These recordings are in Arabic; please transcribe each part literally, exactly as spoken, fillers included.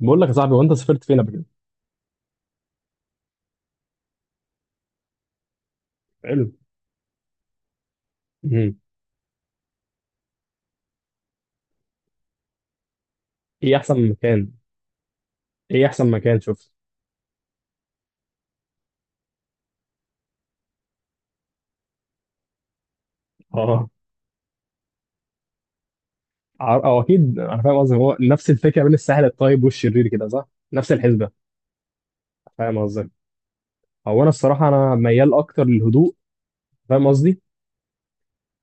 بقول لك يا صاحبي، وانت سافرت فين قبل كده؟ حلو. مهم. ايه احسن مكان؟ ايه احسن مكان شفته؟ اه. ع- او اكيد انا فاهم قصدي، هو نفس الفكره بين الساحل الطيب والشرير كده صح؟ نفس الحسبه. فاهم قصدي؟ هو انا الصراحه انا ميال اكتر للهدوء. فاهم قصدي؟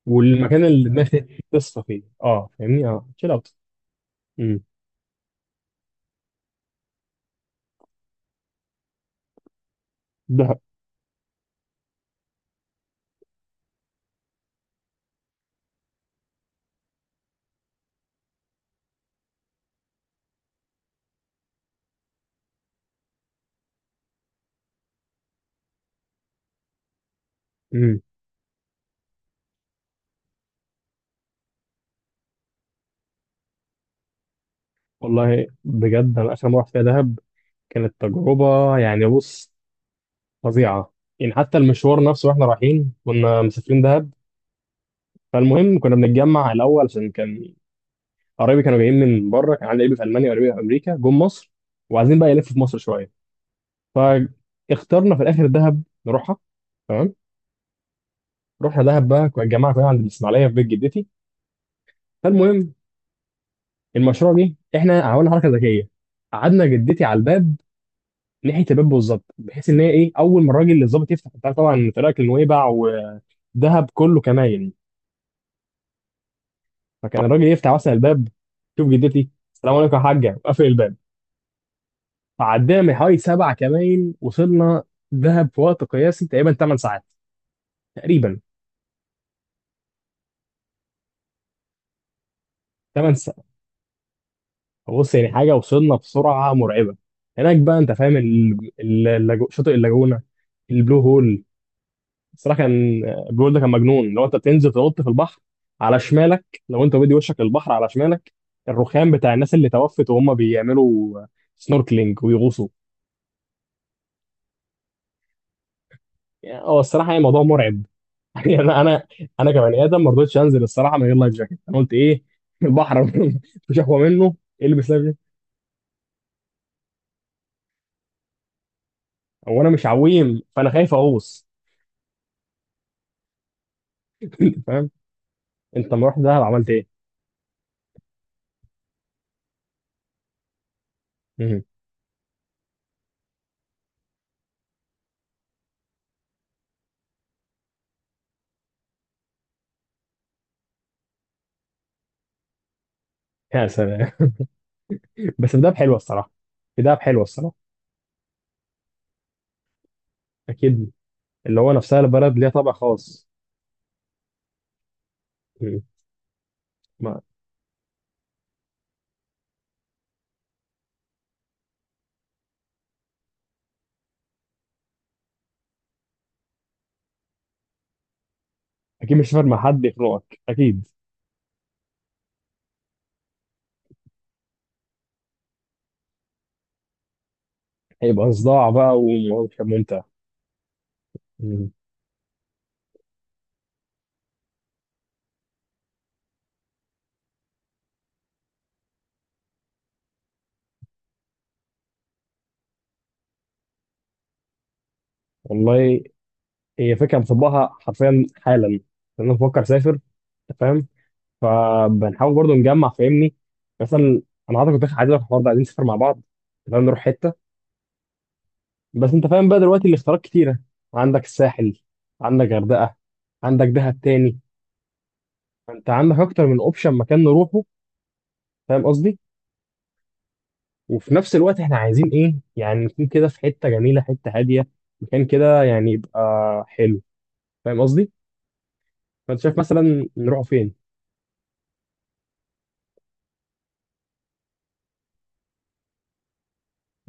والمكان اللي دماغي تصفى فيه، اه فاهمني؟ اه، تشيل اوت. امم. دهب. مم. والله بجد انا اخر مره رحت فيها دهب كانت تجربه، يعني بص، فظيعه. يعني حتى المشوار نفسه واحنا رايحين، كنا مسافرين دهب، فالمهم كنا بنتجمع الاول عشان كان قرايبي كانوا جايين من بره، كان عندي قرايبي في المانيا وقرايبي في امريكا جم مصر وعايزين بقى يلفوا في مصر شويه. فاخترنا في الاخر دهب نروحها. تمام. رحنا دهب بقى، كنا الجماعه كلها عند الاسماعيليه في بيت جدتي. فالمهم، المشروع جه، احنا عملنا حركه ذكيه، قعدنا جدتي على الباب، ناحيه الباب بالظبط، بحيث ان هي ايه، اول ما الراجل اللي الظابط يفتح، انت عارف طبعا طريقك لنويبع ودهب كله كماين. فكان الراجل يفتح مثلا الباب، شوف جدتي، السلام عليكم يا حاجه، وقفل الباب. عدينا من حوالي سبع كمان، وصلنا دهب في وقت قياسي تقريبا تمن ساعات، تقريبا تمن ساعات. بص يعني حاجه وصلنا بسرعه مرعبه. هناك بقى انت فاهم ال- ال- اللاجو- شاطئ اللاجونه، البلو هول. الصراحه كان البلو هول ده كان مجنون. لو انت بتنزل تنط في البحر على شمالك، لو انت بدي وشك للبحر على شمالك، الرخام بتاع الناس اللي توفت وهم بيعملوا سنوركلينج ويغوصوا. يعني هو الصراحه يعني موضوع مرعب. يعني انا انا انا كبني ادم ما رضيتش انزل الصراحه من غير لايف جاكيت. انا قلت ايه، البحر مش اقوى منه. البس لايف جاكيت. هو انا مش عويم فانا خايف اغوص. فاهم. انت لما رحت دهب عملت ايه؟ مم. يا سلام. بس في دهب حلوه الصراحه، في دهب حلوه الصراحه. اكيد. اللي هو نفسها البلد ليها طابع خاص. مم. ما. اكيد مش هتسافر مع حد يخنقك، اكيد هيبقى صداع بقى ومش هيبقى ممتع. مم. والله هي فكره مطبقها حرفيا حالا، لان انا بفكر اسافر. أنت فاهم؟ فبنحاول برضو نجمع، فاهمني؟ مثلا انا عايزك، كنت عايز اروح النهارده، عايزين نسافر مع بعض، تمام، نروح حته. بس انت فاهم بقى دلوقتي الاختيارات كتيره، عندك الساحل، عندك غردقه، عندك دهب تاني. فانت عندك اكتر من اوبشن مكان نروحه، فاهم قصدي؟ وفي نفس الوقت احنا عايزين ايه يعني، نكون كده في حته جميله، حته هاديه، مكان كده يعني يبقى حلو، فاهم قصدي؟ فانت شايف مثلا نروح فين،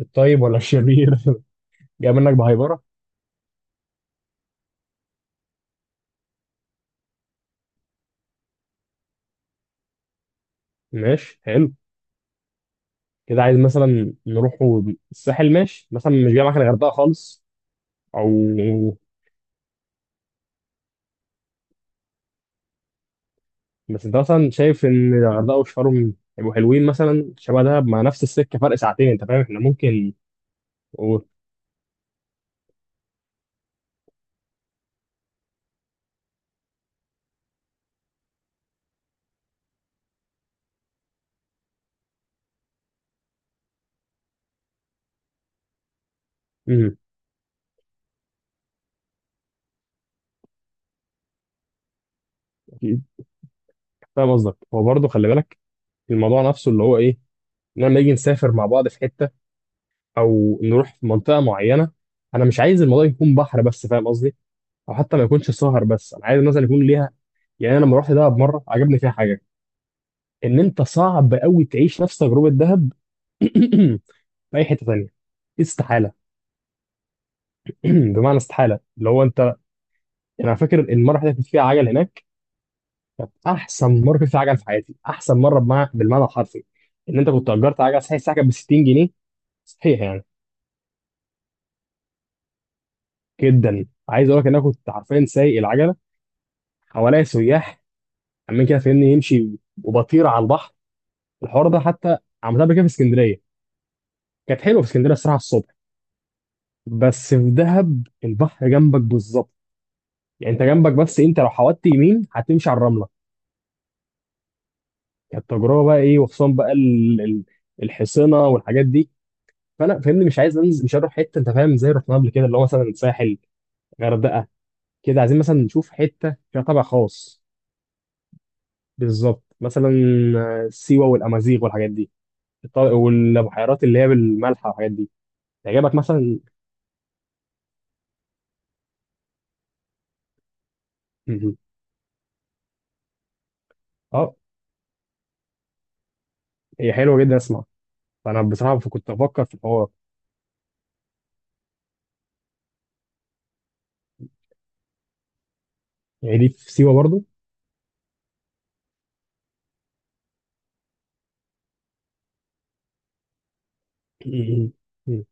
الطيب ولا الشرير؟ جاي منك بهايبره. ماشي، حلو. كده عايز مثلا نروح الساحل، ماشي. مثلا مش جاي معاك الغردقه خالص او بس انت مثلا شايف ان الغردقه وشرم يبقوا حلوين مثلا، شبه ده، مع نفس السكه فرق ساعتين، انت فاهم احنا ممكن. و... مم. اكيد. فاهم قصدك. هو برضه خلي بالك، الموضوع نفسه اللي هو ايه، إن لما نيجي نسافر مع بعض في حته او نروح في منطقه معينه، انا مش عايز الموضوع يكون بحر بس، فاهم قصدي؟ او حتى ما يكونش سهر بس، انا عايز مثلا يكون ليها، يعني انا لما رحت دهب مره عجبني فيها حاجه، ان انت صعب قوي تعيش نفس تجربه دهب في اي حته تانيه، استحاله. بمعنى استحاله اللي هو انت، انا فاكر المره اللي كنت فيها عجل هناك، كانت احسن مره كنت فيها عجل في حياتي، احسن مره بمع... بالمعنى الحرفي. ان انت كنت اجرت عجله، صحيح الساعه كانت ب ستين جنيه، صحيح، يعني جدا عايز اقول لك ان انا كنت حرفيا سايق العجله، حواليا سياح عمالين كده، فاهمني، يمشي وبطير على البحر، الحوار ده. حتى عملتها قبل كده في اسكندريه، كانت حلوه في اسكندريه الصراحه الصبح، بس في دهب البحر جنبك بالظبط، يعني انت جنبك، بس ايه، انت لو حودت يمين هتمشي على الرمله. كانت تجربه بقى ايه، وخصوصا بقى ال- ال- الحصينه والحاجات دي. فانا فاهمني مش عايز انزل، مش هروح حته انت فاهم زي رحنا قبل كده، اللي هو مثلا ساحل، غردقه. كده عايزين مثلا نشوف حته فيها طابع خاص، بالظبط. مثلا آه، سيوه والامازيغ والحاجات دي، الط- والبحيرات اللي هي بالملح والحاجات دي، تعجبك مثلا. م- م. اه هي حلوه جدا، اسمع، فانا بصراحه كنت بفكر في الحوار. يعني دي في سيوه برضو؟ م- م.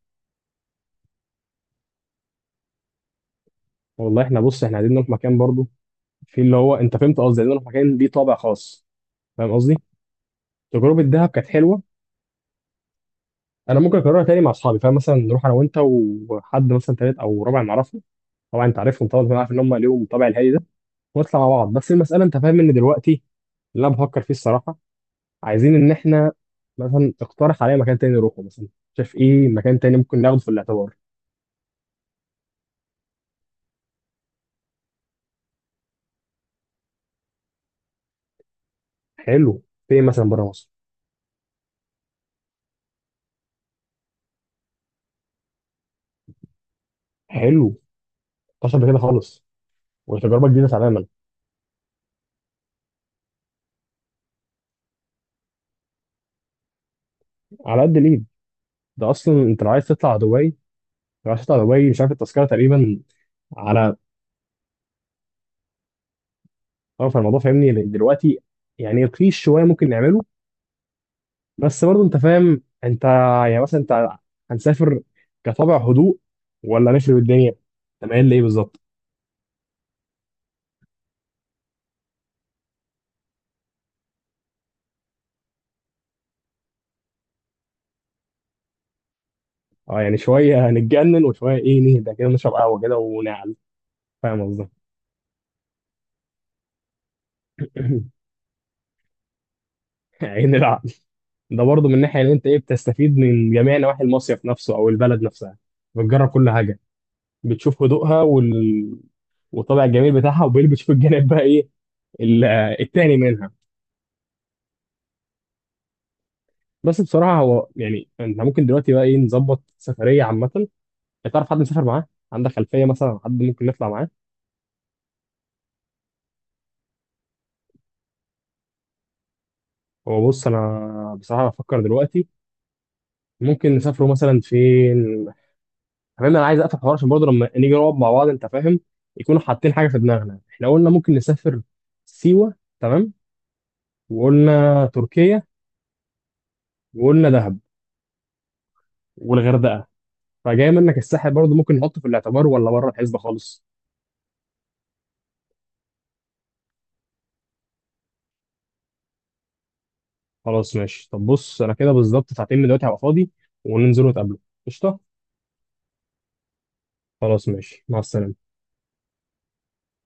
والله احنا بص احنا عايزين نروح مكان برضو في اللي هو انت فهمت قصدي، لان انا مكان ليه طابع خاص، فاهم قصدي؟ تجربه دهب كانت حلوه، انا ممكن اكررها تاني مع اصحابي، فاهم؟ مثلا نروح انا وانت وحد مثلا تالت او رابع نعرفه، طبعا انت عارفهم طبعا، فانا عارف ان هم ليهم طابع الهادي ده ونطلع مع بعض. بس المساله انت فاهم ان دلوقتي اللي انا بفكر فيه الصراحه، عايزين ان احنا مثلا اقترح عليا مكان تاني نروحه مثلا، شايف ايه مكان تاني ممكن ناخده في الاعتبار؟ حلو، فين مثلا بره مصر؟ حلو، مفيش قبل كده خالص، وتجربه جديده تماما. على قد الايد. ده اصلا انت لو عايز تطلع دبي، رشيد عرباوي مش عارف التذكره تقريبا، على طرف الموضوع، فاهمني؟ لأن دلوقتي يعني رخيص شويه ممكن نعمله. بس برضه انت فاهم، انت يعني مثلا، انت هنسافر كطابع هدوء ولا نخرب الدنيا؟ انت مايل لايه بالظبط؟ اه، يعني شويه هنتجنن وشويه ايه، نهدى كده نشرب قهوه كده ونعل. فاهم قصدي؟ عين العقل. ده برضه من ناحيه ان انت ايه، بتستفيد من جميع نواحي المصيف نفسه او البلد نفسها، بتجرب كل حاجه، بتشوف هدوءها وال... والطابع الجميل بتاعها، وبيلبسوا في الجانب بقى ايه، ال- التاني منها. بس بصراحه هو يعني، انت ممكن دلوقتي بقى ايه نظبط سفريه عامه، تعرف حد مسافر معاه، عندك خلفيه مثلا عن حد ممكن نطلع معاه؟ هو بص انا بصراحه بفكر دلوقتي ممكن نسافروا مثلا فين، فاهم؟ انا عايز اقفل حوار عشان برضه لما نيجي نقعد مع بعض انت فاهم يكونوا حاطين حاجه في دماغنا، احنا قلنا ممكن نسافر سيوه، تمام، وقلنا تركيا، وقلنا دهب، والغردقه. فجاي منك الساحل برضه ممكن نحطه في الاعتبار ولا بره الحسبه خالص؟ خلاص ماشي. طب بص انا كده بالظبط ساعتين من دلوقتي هبقى فاضي وننزل نتقابله. قشطه، خلاص ماشي، مع السلامه.